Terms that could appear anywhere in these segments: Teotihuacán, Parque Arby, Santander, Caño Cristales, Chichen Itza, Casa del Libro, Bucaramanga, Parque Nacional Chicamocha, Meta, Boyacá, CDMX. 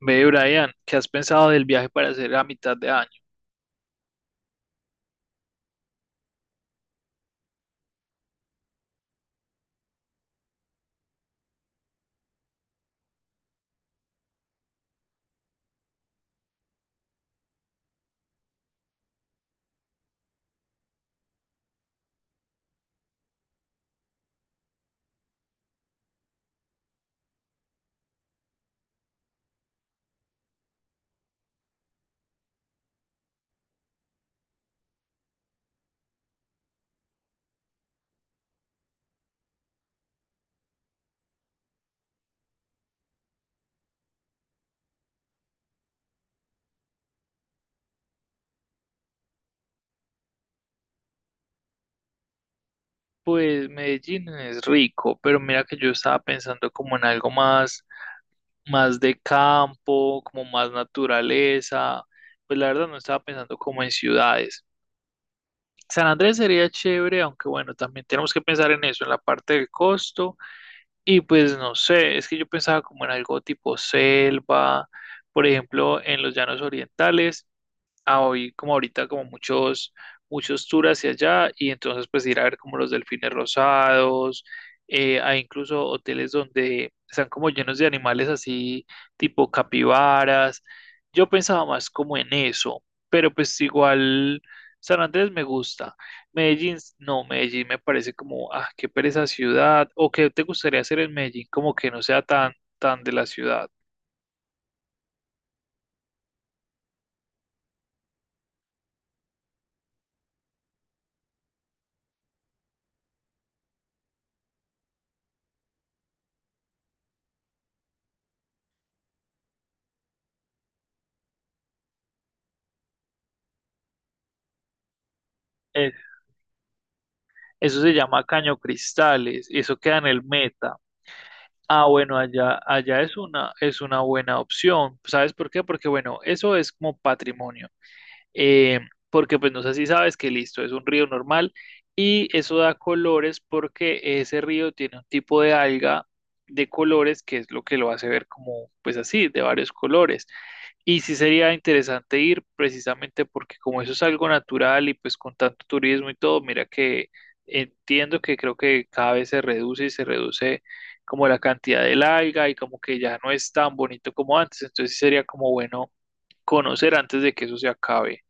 Ve, Brian, ¿qué has pensado del viaje para hacer a mitad de año? Pues Medellín es rico, pero mira que yo estaba pensando como en algo más, más de campo, como más naturaleza. Pues la verdad no estaba pensando como en ciudades. San Andrés sería chévere, aunque bueno, también tenemos que pensar en eso, en la parte del costo. Y pues no sé, es que yo pensaba como en algo tipo selva, por ejemplo, en los llanos orientales. A hoy como ahorita como muchos tours hacia allá y entonces pues ir a ver como los delfines rosados. Hay incluso hoteles donde están como llenos de animales así tipo capibaras. Yo pensaba más como en eso, pero pues igual, San Andrés me gusta. Medellín no, Medellín me parece como, ah, qué pereza ciudad. O ¿qué te gustaría hacer en Medellín? Como que no sea tan tan de la ciudad. Eso se llama Caño Cristales, eso queda en el Meta. Ah, bueno, allá, allá es una buena opción. ¿Sabes por qué? Porque, bueno, eso es como patrimonio. eh, Porque pues no sé si sabes que, listo, es un río normal y eso da colores porque ese río tiene un tipo de alga de colores, que es lo que lo hace ver como, pues así, de varios colores. Y sí sería interesante ir, precisamente porque como eso es algo natural y pues con tanto turismo y todo, mira que entiendo que creo que cada vez se reduce y se reduce como la cantidad del alga y como que ya no es tan bonito como antes. Entonces sí sería como bueno conocer antes de que eso se acabe.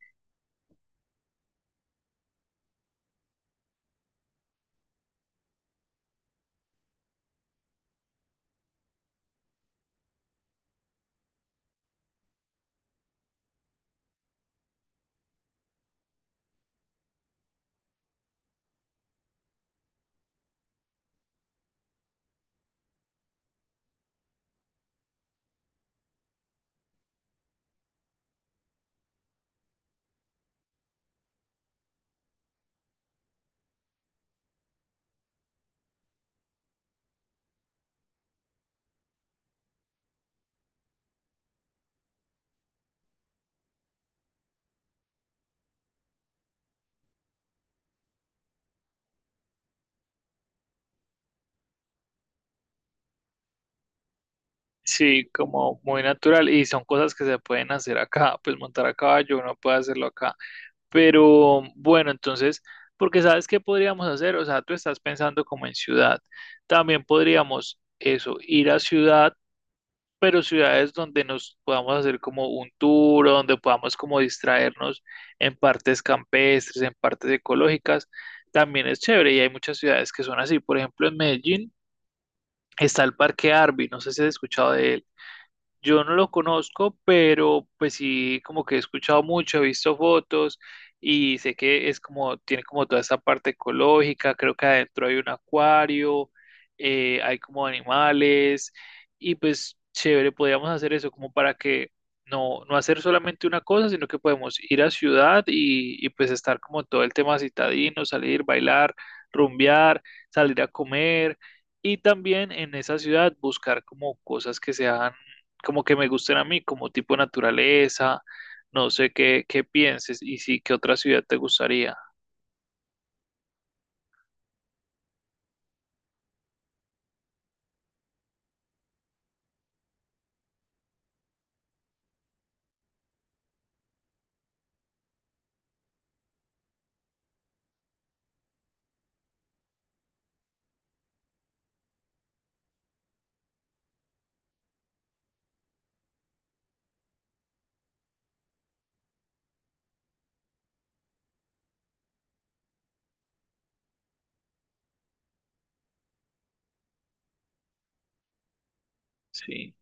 Sí, como muy natural y son cosas que se pueden hacer acá, pues montar a caballo, uno puede hacerlo acá. Pero bueno, entonces, porque sabes qué podríamos hacer, o sea, tú estás pensando como en ciudad. También podríamos eso, ir a ciudad, pero ciudades donde nos podamos hacer como un tour, o donde podamos como distraernos en partes campestres, en partes ecológicas. También es chévere y hay muchas ciudades que son así. Por ejemplo, en Medellín está el Parque Arby, no sé si has escuchado de él. Yo no lo conozco, pero pues sí, como que he escuchado mucho, he visto fotos y sé que es como, tiene como toda esa parte ecológica, creo que adentro hay un acuario, hay como animales y pues chévere, podríamos hacer eso como para que no, no hacer solamente una cosa, sino que podemos ir a ciudad y pues estar como todo el tema citadino, salir, bailar, rumbear, salir a comer. Y también en esa ciudad buscar como cosas que sean como que me gusten a mí, como tipo naturaleza, no sé qué, qué pienses y sí, qué otra ciudad te gustaría. Sí.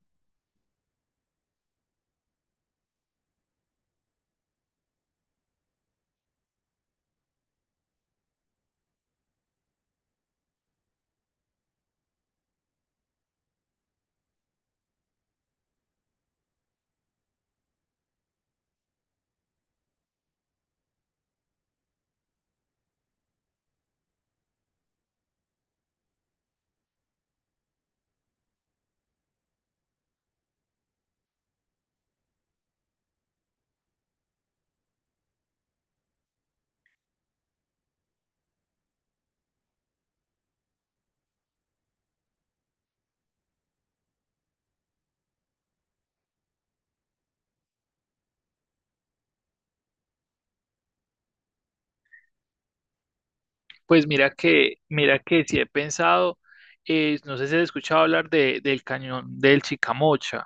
Pues mira que sí he pensado, no sé si has escuchado hablar de, del cañón del Chicamocha.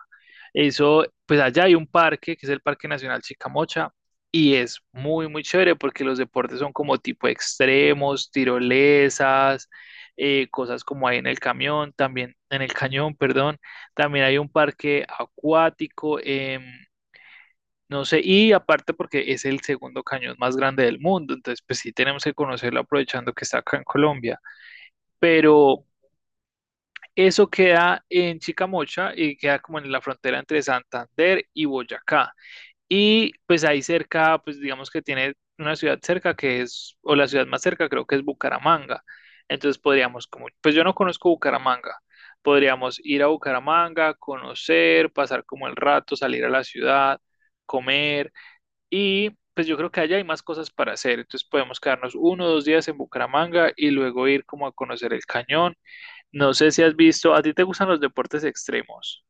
Eso, pues allá hay un parque que es el Parque Nacional Chicamocha y es muy, muy chévere porque los deportes son como tipo extremos, tirolesas, cosas como hay en el camión, también en el cañón, perdón. También hay un parque acuático. No sé, y aparte porque es el segundo cañón más grande del mundo, entonces pues sí tenemos que conocerlo aprovechando que está acá en Colombia, pero eso queda en Chicamocha y queda como en la frontera entre Santander y Boyacá. Y pues ahí cerca, pues digamos que tiene una ciudad cerca que es, o la ciudad más cerca creo que es Bucaramanga. Entonces podríamos como, pues yo no conozco Bucaramanga, podríamos ir a Bucaramanga, conocer, pasar como el rato, salir a la ciudad, comer y pues yo creo que allá hay más cosas para hacer. Entonces podemos quedarnos uno o dos días en Bucaramanga y luego ir como a conocer el cañón. No sé si has visto, ¿a ti te gustan los deportes extremos?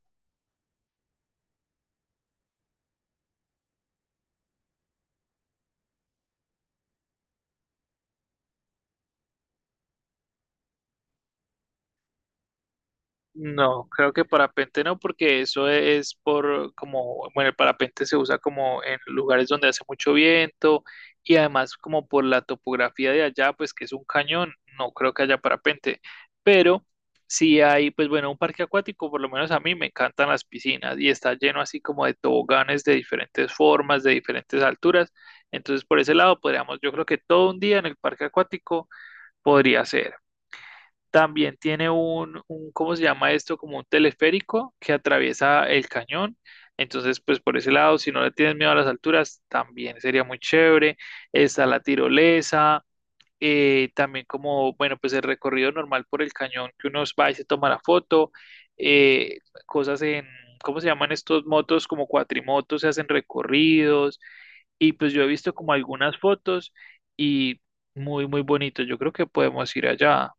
No, creo que parapente no, porque eso es por como, bueno, el parapente se usa como en lugares donde hace mucho viento y además como por la topografía de allá, pues que es un cañón, no creo que haya parapente, pero si hay, pues bueno, un parque acuático, por lo menos a mí me encantan las piscinas y está lleno así como de toboganes de diferentes formas, de diferentes alturas, entonces por ese lado podríamos, yo creo que todo un día en el parque acuático podría ser. También tiene un, ¿cómo se llama esto? Como un teleférico que atraviesa el cañón. Entonces, pues por ese lado, si no le tienes miedo a las alturas, también sería muy chévere. Está la tirolesa, también como, bueno, pues el recorrido normal por el cañón que uno va y se toma la foto, eh, cosas en, ¿cómo se llaman estos motos? Como cuatrimotos, se hacen recorridos y pues yo he visto como algunas fotos y muy, muy bonito. Yo creo que podemos ir allá.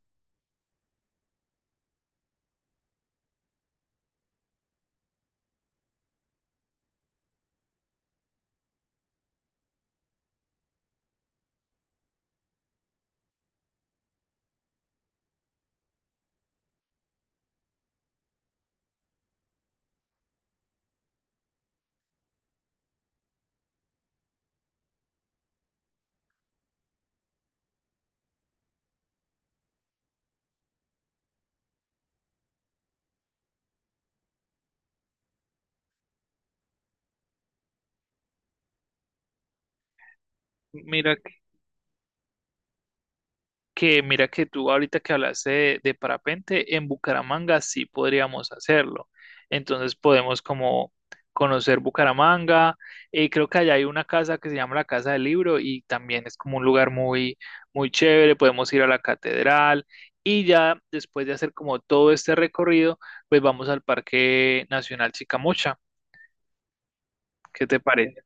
Mira que tú ahorita que hablaste de parapente, en Bucaramanga sí podríamos hacerlo. Entonces podemos como conocer Bucaramanga. Creo que allá hay una casa que se llama la Casa del Libro y también es como un lugar muy, muy chévere. Podemos ir a la catedral y ya después de hacer como todo este recorrido, pues vamos al Parque Nacional Chicamocha. ¿Qué te parece?